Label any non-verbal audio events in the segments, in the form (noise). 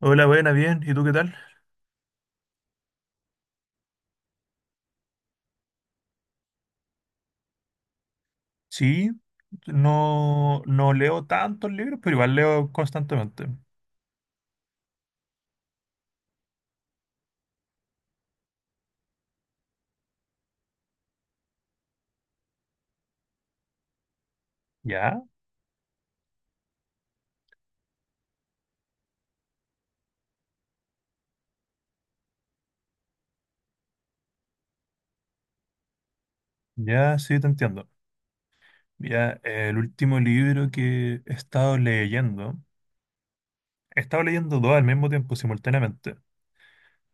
Hola, buena, bien. ¿Y tú qué tal? Sí, no, no leo tantos libros, pero igual leo constantemente. Ya, ya, sí, te entiendo. Ya, el último libro que he estado leyendo dos al mismo tiempo, simultáneamente,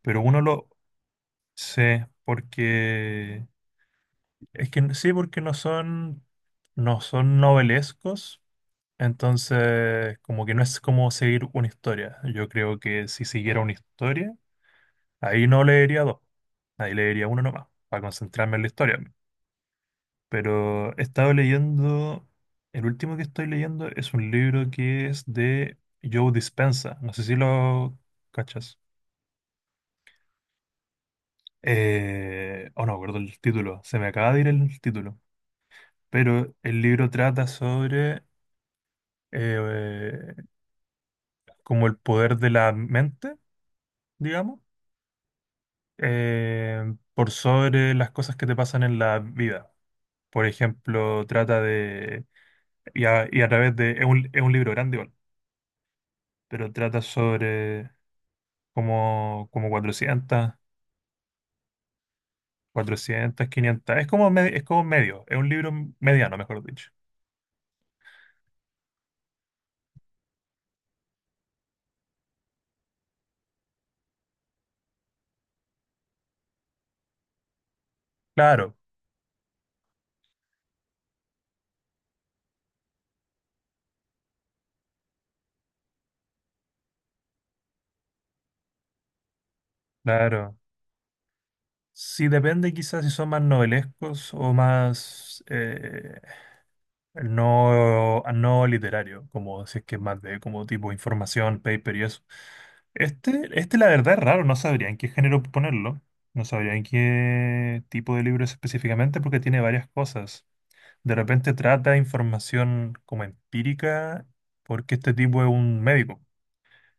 pero uno lo sé porque, es que sí, porque no son novelescos, entonces como que no es como seguir una historia. Yo creo que si siguiera una historia ahí no leería dos, ahí leería uno nomás, para concentrarme en la historia. Pero he estado leyendo, el último que estoy leyendo es un libro que es de Joe Dispenza, no sé si lo cachas. Oh, no, me acuerdo el título, se me acaba de ir el título. Pero el libro trata sobre eh, como el poder de la mente, digamos, por sobre las cosas que te pasan en la vida. Por ejemplo, trata de— Y a través de— es un libro grande igual, pero trata sobre como 400, 400 500. Es como, es como medio, es un libro mediano, mejor dicho. Claro, claro. Sí, depende quizás si son más novelescos o más no literario, como si es que es más de como tipo información, paper y eso. Este la verdad es raro, no sabría en qué género ponerlo, no sabría en qué tipo de libro es específicamente porque tiene varias cosas. De repente trata información como empírica porque este tipo es un médico.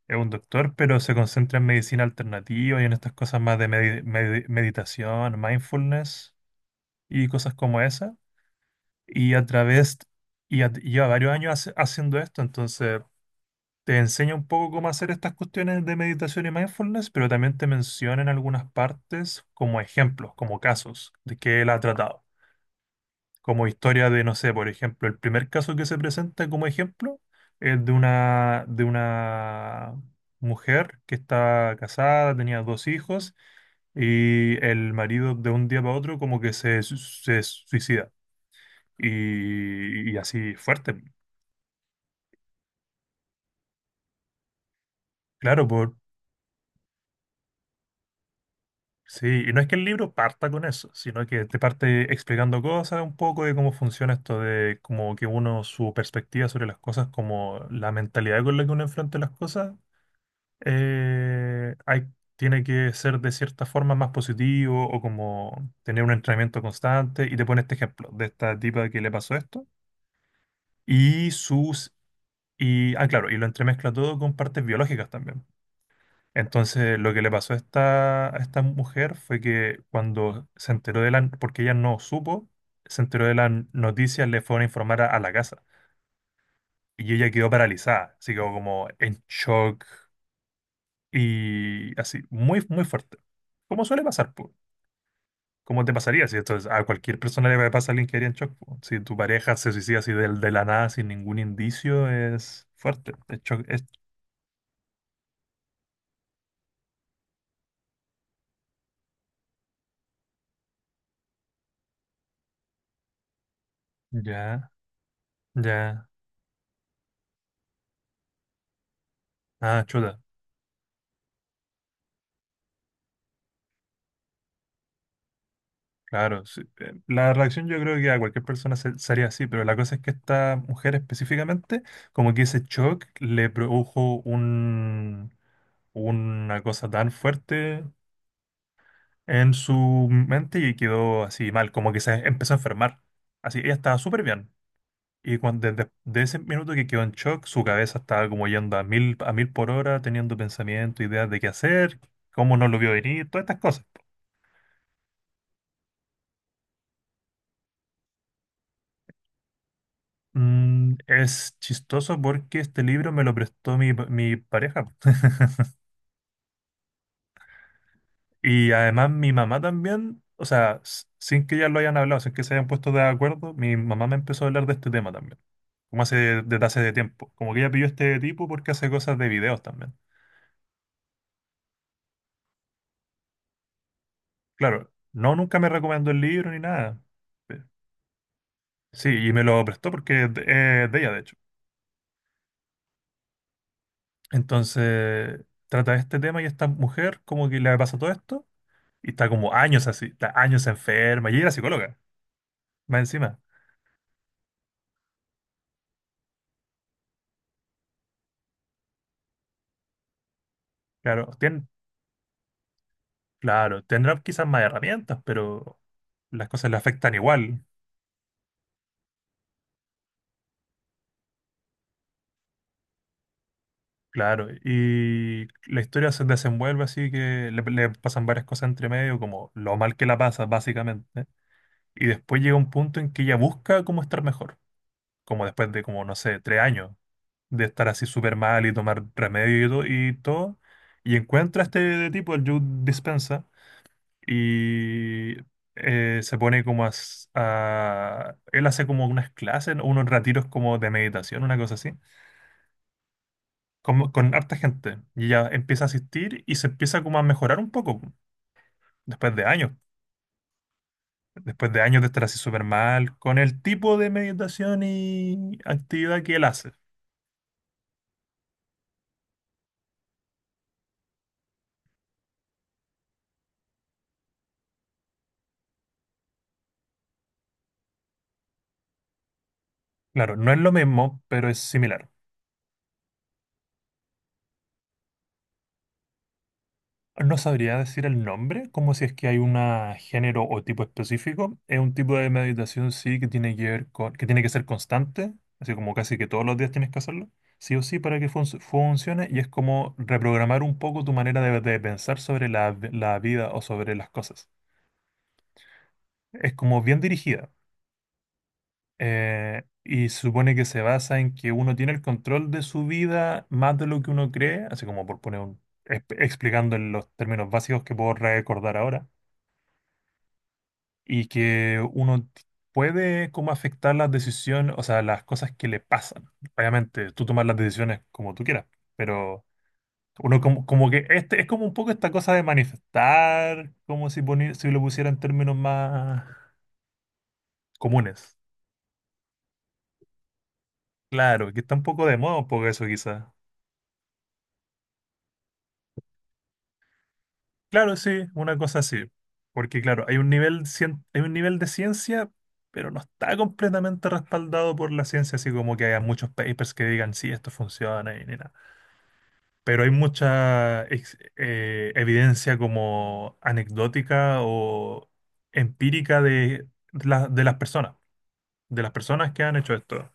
Es un doctor, pero se concentra en medicina alternativa y en estas cosas más de meditación, mindfulness y cosas como esa. Y a través, y a- Lleva varios años haciendo esto, entonces te enseña un poco cómo hacer estas cuestiones de meditación y mindfulness, pero también te menciona en algunas partes como ejemplos, como casos de que él ha tratado, como historia de, no sé. Por ejemplo, el primer caso que se presenta como ejemplo es de una, mujer que está casada, tenía dos hijos y el marido de un día para otro como que se suicida y así fuerte. Claro, sí, y no es que el libro parta con eso, sino que te parte explicando cosas un poco de cómo funciona esto de como que uno, su perspectiva sobre las cosas, como la mentalidad con la que uno enfrenta las cosas. eh, hay, Tiene que ser de cierta forma más positivo o como tener un entrenamiento constante. Y te pone este ejemplo de esta tipa que le pasó esto. Y sus— claro, y lo entremezcla todo con partes biológicas también. Entonces, lo que le pasó a esta mujer fue que cuando se enteró de la— Porque ella no supo, se enteró de las noticias, le fueron a informar a, la casa. Y ella quedó paralizada, así quedó como en shock. Y así, muy, muy fuerte. Como suele pasar, po. Como te pasaría si esto a cualquier persona le pasa, a alguien que haría en shock, po. Si tu pareja se suicida así de la nada, sin ningún indicio, es fuerte. Ya, ya. Ah, chuta. Claro. Sí. La reacción yo creo que a cualquier persona se haría así, pero la cosa es que esta mujer específicamente, como que ese shock le produjo una cosa tan fuerte en su mente y quedó así mal, como que se empezó a enfermar. Así, ella estaba súper bien. Y cuando, desde de ese minuto que quedó en shock, su cabeza estaba como yendo a mil por hora, teniendo pensamientos, ideas de qué hacer, cómo no lo vio venir, todas estas cosas. Mm, es chistoso porque este libro me lo prestó mi pareja. (laughs) Y además mi mamá también, o sea, sin que ya lo hayan hablado, sin que se hayan puesto de acuerdo, mi mamá me empezó a hablar de este tema también, como hace desde hace de tiempo. Como que ella pilló este tipo porque hace cosas de videos también. Claro, no, nunca me recomendó el libro ni nada. Eh, Sí, y me lo prestó porque es de ella, de hecho. Entonces, trata este tema y esta mujer como que le pasa todo esto y está como años así, está años enferma y ella era psicóloga, más encima. Claro, tien- claro, tendrá quizás más herramientas, pero las cosas le afectan igual. Claro, y la historia se desenvuelve así que le pasan varias cosas entre medio, como lo mal que la pasa, básicamente. Y después llega un punto en que ella busca cómo estar mejor, como después de, como no sé, 3 años de estar así súper mal y tomar remedio y todo, y todo. Y encuentra a este tipo, el Joe Dispensa, y se pone como Él hace como unas clases, unos retiros como de meditación, una cosa así, con harta gente. Y ella empieza a asistir y se empieza como a mejorar un poco, después de años. Después de años de estar así súper mal, con el tipo de meditación y actividad que él hace. Claro, no es lo mismo, pero es similar. No sabría decir el nombre, como si es que hay un género o tipo específico. Es un tipo de meditación, sí, que tiene que ver con, que tiene que ser constante, así como casi que todos los días tienes que hacerlo, sí o sí, para que funcione, y es como reprogramar un poco tu manera de, pensar sobre la vida o sobre las cosas. Es como bien dirigida. Y se supone que se basa en que uno tiene el control de su vida más de lo que uno cree, así como por poner un, explicando en los términos básicos que puedo recordar ahora, y que uno puede como afectar las decisiones, o sea, las cosas que le pasan. Obviamente, tú tomas las decisiones como tú quieras, pero uno como que este es como un poco esta cosa de manifestar, como si lo pusiera en términos más comunes. Claro, que está un poco de moda un poco eso quizás. Claro, sí, una cosa así. Porque claro, hay un nivel de ciencia, pero no está completamente respaldado por la ciencia, así como que haya muchos papers que digan, sí, esto funciona y ni nada. Pero hay mucha evidencia como anecdótica o empírica la- de las personas, de las personas que han hecho esto.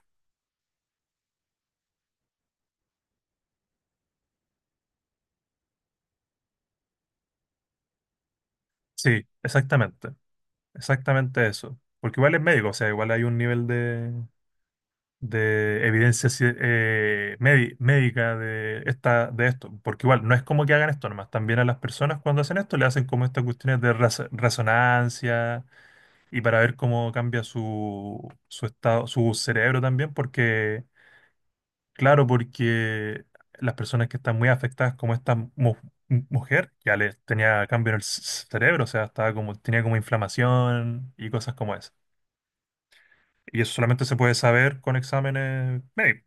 Sí, exactamente, exactamente eso. Porque igual es médico, o sea, igual hay un nivel de evidencia médica de esto. Porque igual no es como que hagan esto nomás, también a las personas cuando hacen esto le hacen como estas cuestiones de resonancia y para ver cómo cambia su estado, su cerebro también, porque claro, porque las personas que están muy afectadas, como esta mujer, ya les tenía cambio en el cerebro, o sea, estaba como, tenía como inflamación y cosas como esa. Y eso solamente se puede saber con exámenes médicos,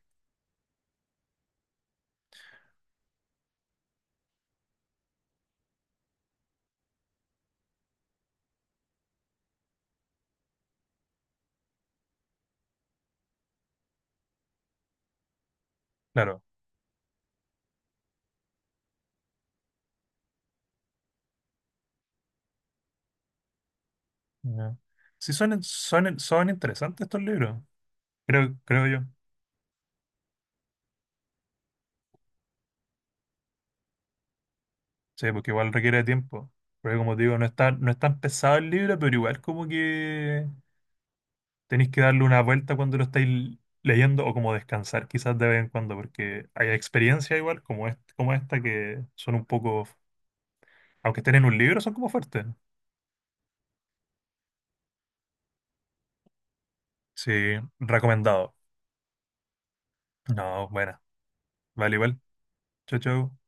claro. Ya. Sí, son interesantes estos libros, creo yo. Sí, porque igual requiere tiempo. Porque como te digo, no es tan pesado el libro, pero igual como que tenéis que darle una vuelta cuando lo estáis leyendo o como descansar quizás de vez en cuando, porque hay experiencias igual como, como esta, que son un poco, aunque estén en un libro, son como fuertes. Sí, recomendado. No, buena. Vale, igual. Chau, chau.